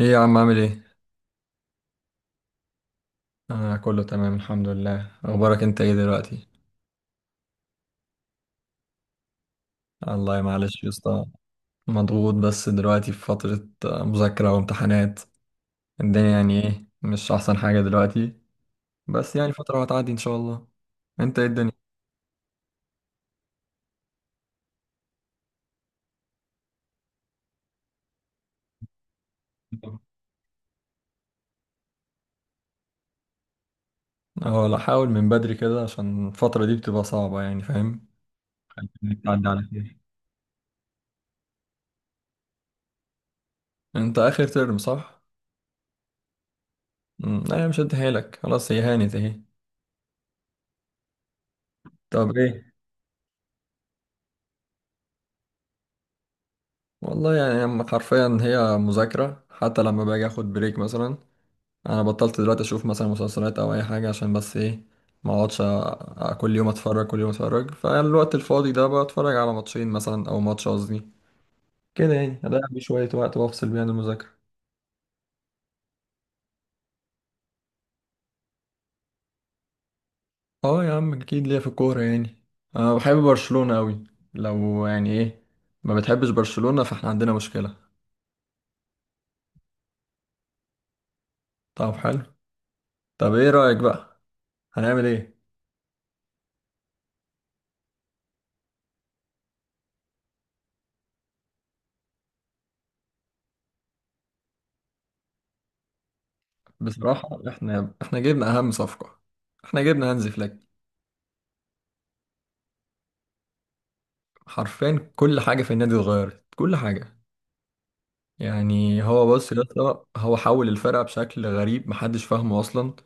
ايه يا عم عامل ايه؟ انا كله تمام الحمد لله. اخبارك انت ايه دلوقتي؟ الله معلش يا اسطى، مضغوط بس دلوقتي في فترة مذاكرة وامتحانات. الدنيا يعني ايه، مش احسن حاجة دلوقتي، بس يعني فترة وهتعدي ان شاء الله. انت ايه الدنيا؟ اه لا، حاول من بدري كده عشان الفترة دي بتبقى صعبة، يعني فاهم؟ إنك تعدي على خير. انت اخر ترم صح؟ لا هي مش هديهالك، خلاص هي هانت اهي. طب ايه؟ والله يعني أما حرفيا هي مذاكرة، حتى لما باجي اخد بريك مثلا انا بطلت دلوقتي اشوف مثلا مسلسلات او اي حاجه، عشان بس ايه ما اقعدش كل يوم اتفرج كل يوم اتفرج. فالوقت الفاضي ده بتفرج على ماتشين مثلا او ماتش قصدي، كده يعني اضيع بيه شويه وقت وافصل بيه عن المذاكره. اه يا عم اكيد، ليا في الكوره يعني. انا بحب برشلونه قوي، لو يعني ايه ما بتحبش برشلونه فاحنا عندنا مشكله. طب حلو، طب ايه رايك بقى، هنعمل ايه؟ بصراحه احنا جبنا اهم صفقه، احنا جبنا هانزي فليك. حرفيا كل حاجه في النادي اتغيرت، كل حاجه. يعني هو بص يا اسطى، هو حول الفرقة بشكل غريب محدش فاهمه أصلا.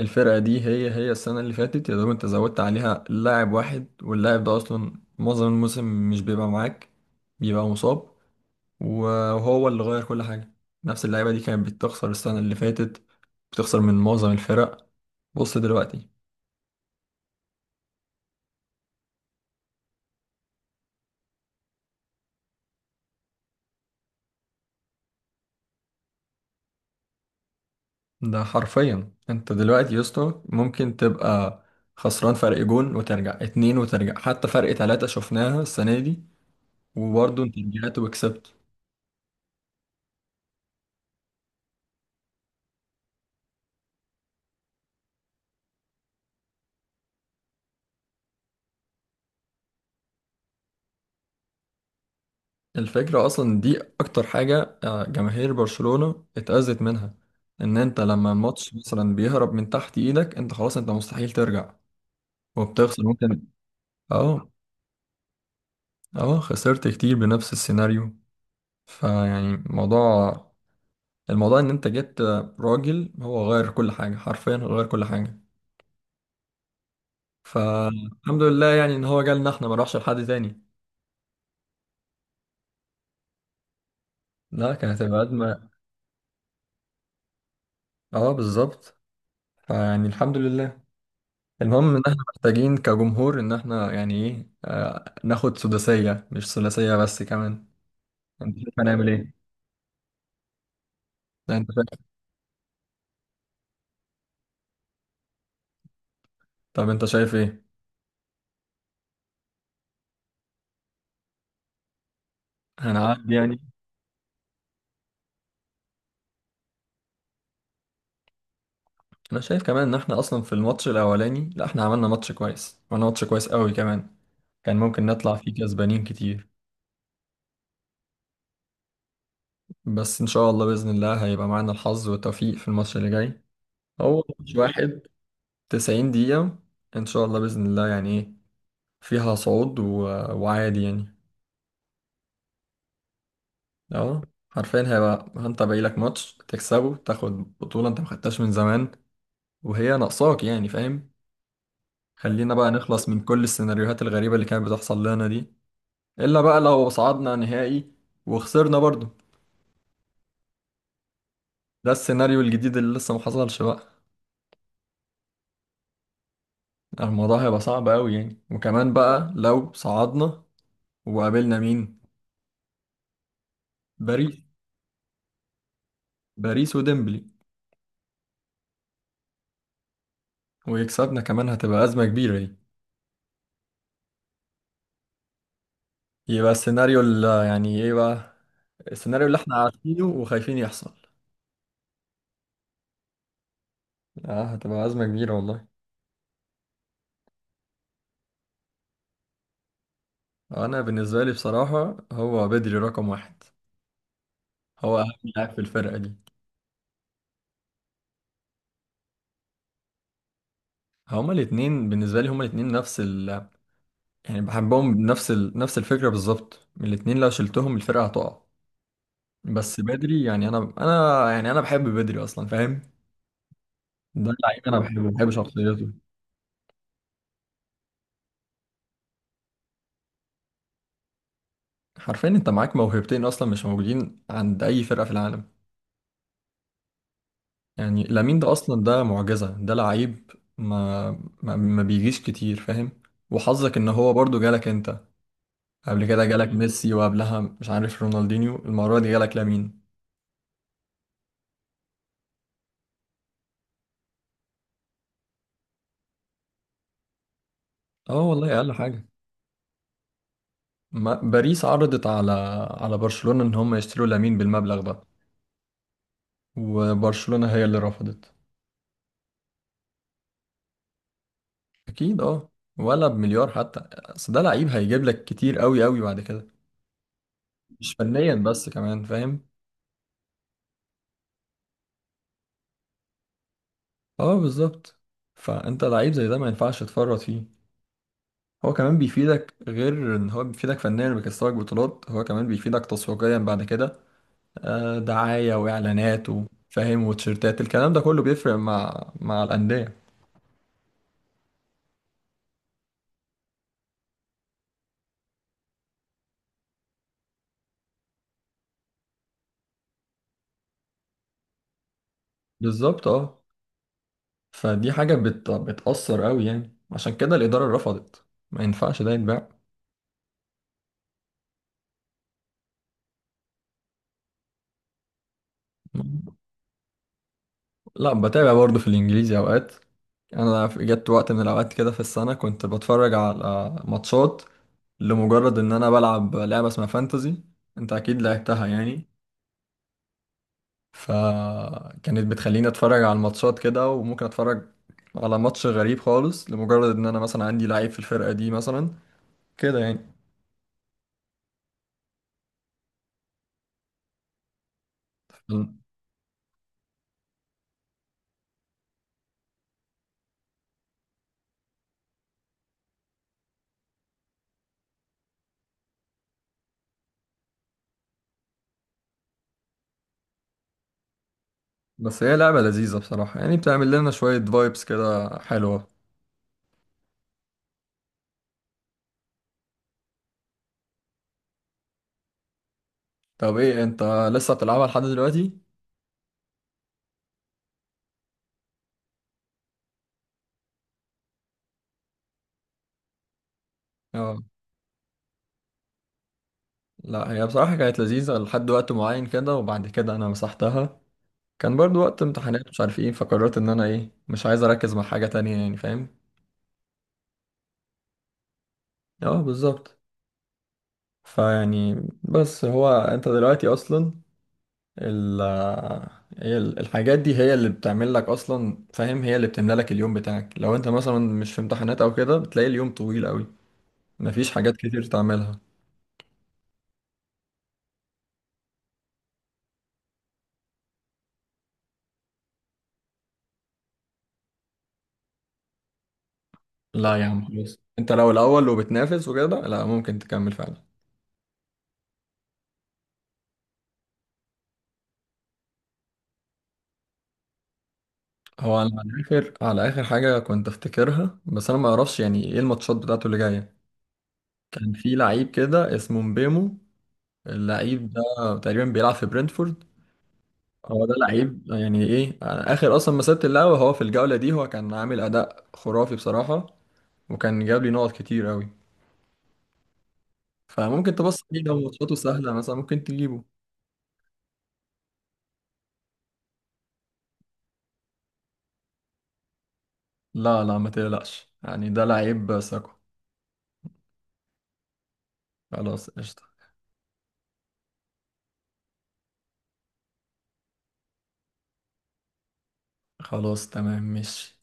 الفرقة دي هي السنة اللي فاتت، يا دوب أنت زودت عليها لاعب واحد، واللاعب ده أصلا معظم الموسم مش بيبقى معاك، بيبقى مصاب، وهو اللي غير كل حاجة. نفس اللعيبة دي كانت بتخسر السنة اللي فاتت، بتخسر من معظم الفرق. بص دلوقتي، ده حرفيا أنت دلوقتي يا اسطى ممكن تبقى خسران فرق جون، وترجع اتنين، وترجع حتى فرق تلاتة شفناها السنة دي، وبرضه انت رجعت وكسبت. الفكرة اصلا دي اكتر حاجة جماهير برشلونة اتأذت منها، ان انت لما الماتش مثلا بيهرب من تحت ايدك انت خلاص، انت مستحيل ترجع وبتخسر ممكن. اه. اه، خسرت كتير بنفس السيناريو. فيعني الموضوع، الموضوع ان انت جبت راجل هو غير كل حاجة، حرفيا غير كل حاجة. فالحمد لله يعني ان هو جالنا احنا، ما راحش لحد تاني. لا، كانت هتبقى أزمة. اه بالظبط، فيعني الحمد لله. المهم ان احنا محتاجين كجمهور ان احنا يعني ايه ناخد سداسية، مش ثلاثية بس كمان. انت شايف هنعمل ايه؟ لا، انت شايف، طب انت شايف ايه؟ هنعدي يعني. انا شايف كمان ان احنا اصلا في الماتش الاولاني، لا احنا عملنا ماتش كويس، عملنا ماتش كويس قوي كمان، كان ممكن نطلع فيه كسبانين كتير. بس ان شاء الله باذن الله هيبقى معانا الحظ والتوفيق في الماتش اللي جاي. هو ماتش واحد، 90 دقيقة، ان شاء الله باذن الله يعني ايه، فيها صعود و... وعادي يعني. اه، حرفيا هيبقى انت باقي لك ماتش تكسبه، تاخد بطولة انت ما خدتهاش من زمان وهي ناقصاك، يعني فاهم. خلينا بقى نخلص من كل السيناريوهات الغريبة اللي كانت بتحصل لنا دي. الا بقى لو صعدنا نهائي وخسرنا برضو، ده السيناريو الجديد اللي لسه ما حصلش بقى. الموضوع هيبقى صعب قوي يعني. وكمان بقى لو صعدنا وقابلنا مين؟ باريس. باريس وديمبلي، ويكسبنا كمان، هتبقى أزمة كبيرة دي. يبقى السيناريو اللي يعني ايه بقى، السيناريو اللي احنا عارفينه وخايفين يحصل. اه هتبقى أزمة كبيرة والله. أنا بالنسبة لي بصراحة هو بدري رقم واحد، هو أهم لاعب في الفرقة دي. هما الاتنين بالنسبة لي، هما الاتنين نفس ال، يعني بحبهم بنفس ال... نفس الفكرة بالظبط. الاتنين لو شلتهم الفرقة هتقع. بس بدري يعني أنا يعني أنا بحب بدري أصلا فاهم، ده لعيب أنا بحبه، بحب شخصيته. حرفيا أنت معاك موهبتين أصلا مش موجودين عند أي فرقة في العالم. يعني لامين ده اصلا ده معجزة، ده لعيب ما ما بيجيش كتير فاهم. وحظك ان هو برضو جالك انت، قبل كده جالك ميسي، وقبلها مش عارف رونالدينيو، المرة دي جالك لامين. اه والله اقل حاجة. ما باريس عرضت على على برشلونة ان هم يشتروا لامين بالمبلغ ده، وبرشلونة هي اللي رفضت. اكيد اه، ولا بمليار حتى، اصل ده لعيب هيجيب لك كتير قوي قوي بعد كده، مش فنيا بس كمان فاهم. اه بالظبط، فانت لعيب زي ده ما ينفعش تفرط فيه. هو كمان بيفيدك، غير ان هو بيفيدك فنيا بيكسبك بطولات، هو كمان بيفيدك تسويقيا بعد كده، دعاية واعلانات وفاهم وتيشيرتات، الكلام ده كله بيفرق مع الأندية. بالظبط اه، فدي حاجة بت... بتأثر قوي يعني، عشان كده الإدارة رفضت، ما ينفعش ده يتباع. لا بتابع برضه في الإنجليزي أوقات. انا في- جت وقت من الاوقات كده في السنه كنت بتفرج على ماتشات، لمجرد ان انا بلعب لعبه اسمها فانتزي، انت اكيد لعبتها يعني. فكانت بتخليني اتفرج على الماتشات كده، وممكن اتفرج على ماتش غريب خالص لمجرد ان انا مثلا عندي لعيب في الفرقة دي مثلا، كده يعني. بس هي لعبة لذيذة بصراحة، يعني بتعمل لنا شوية فايبس كده حلوة. طب ايه انت لسه بتلعبها لحد دلوقتي؟ اه لا، هي بصراحة كانت لذيذة لحد وقت معين كده، وبعد كده انا مسحتها. كان برضو وقت امتحانات مش عارف ايه، فقررت ان انا ايه مش عايز اركز مع حاجة تانية، يعني فاهم؟ اه بالظبط. فيعني بس هو انت دلوقتي اصلا ال، هي ال- الحاجات دي هي اللي بتعمل لك اصلا فاهم، هي اللي بتملى لك اليوم بتاعك. لو انت مثلا مش في امتحانات او كده بتلاقي اليوم طويل قوي، مفيش حاجات كتير تعملها. لا يا عم خلاص، انت لو الاول وبتنافس وكده لا ممكن تكمل فعلا. هو على اخر، على اخر حاجه كنت افتكرها، بس انا ما اعرفش يعني ايه الماتشات بتاعته اللي جايه، كان في لعيب كده اسمه مبيمو، اللعيب ده تقريبا بيلعب في برنتفورد. هو ده لعيب يعني ايه، أنا اخر اصلا مسيرة اللعبة هو في الجولة دي، هو كان عامل اداء خرافي بصراحة وكان جاب لي نقط كتير قوي، فممكن تبص عليه لو ماتشاته سهلة مثلا ممكن تجيبه. لا لا ما تقلقش يعني، ده لعيب ثقة. خلاص قشطة، خلاص تمام ماشي.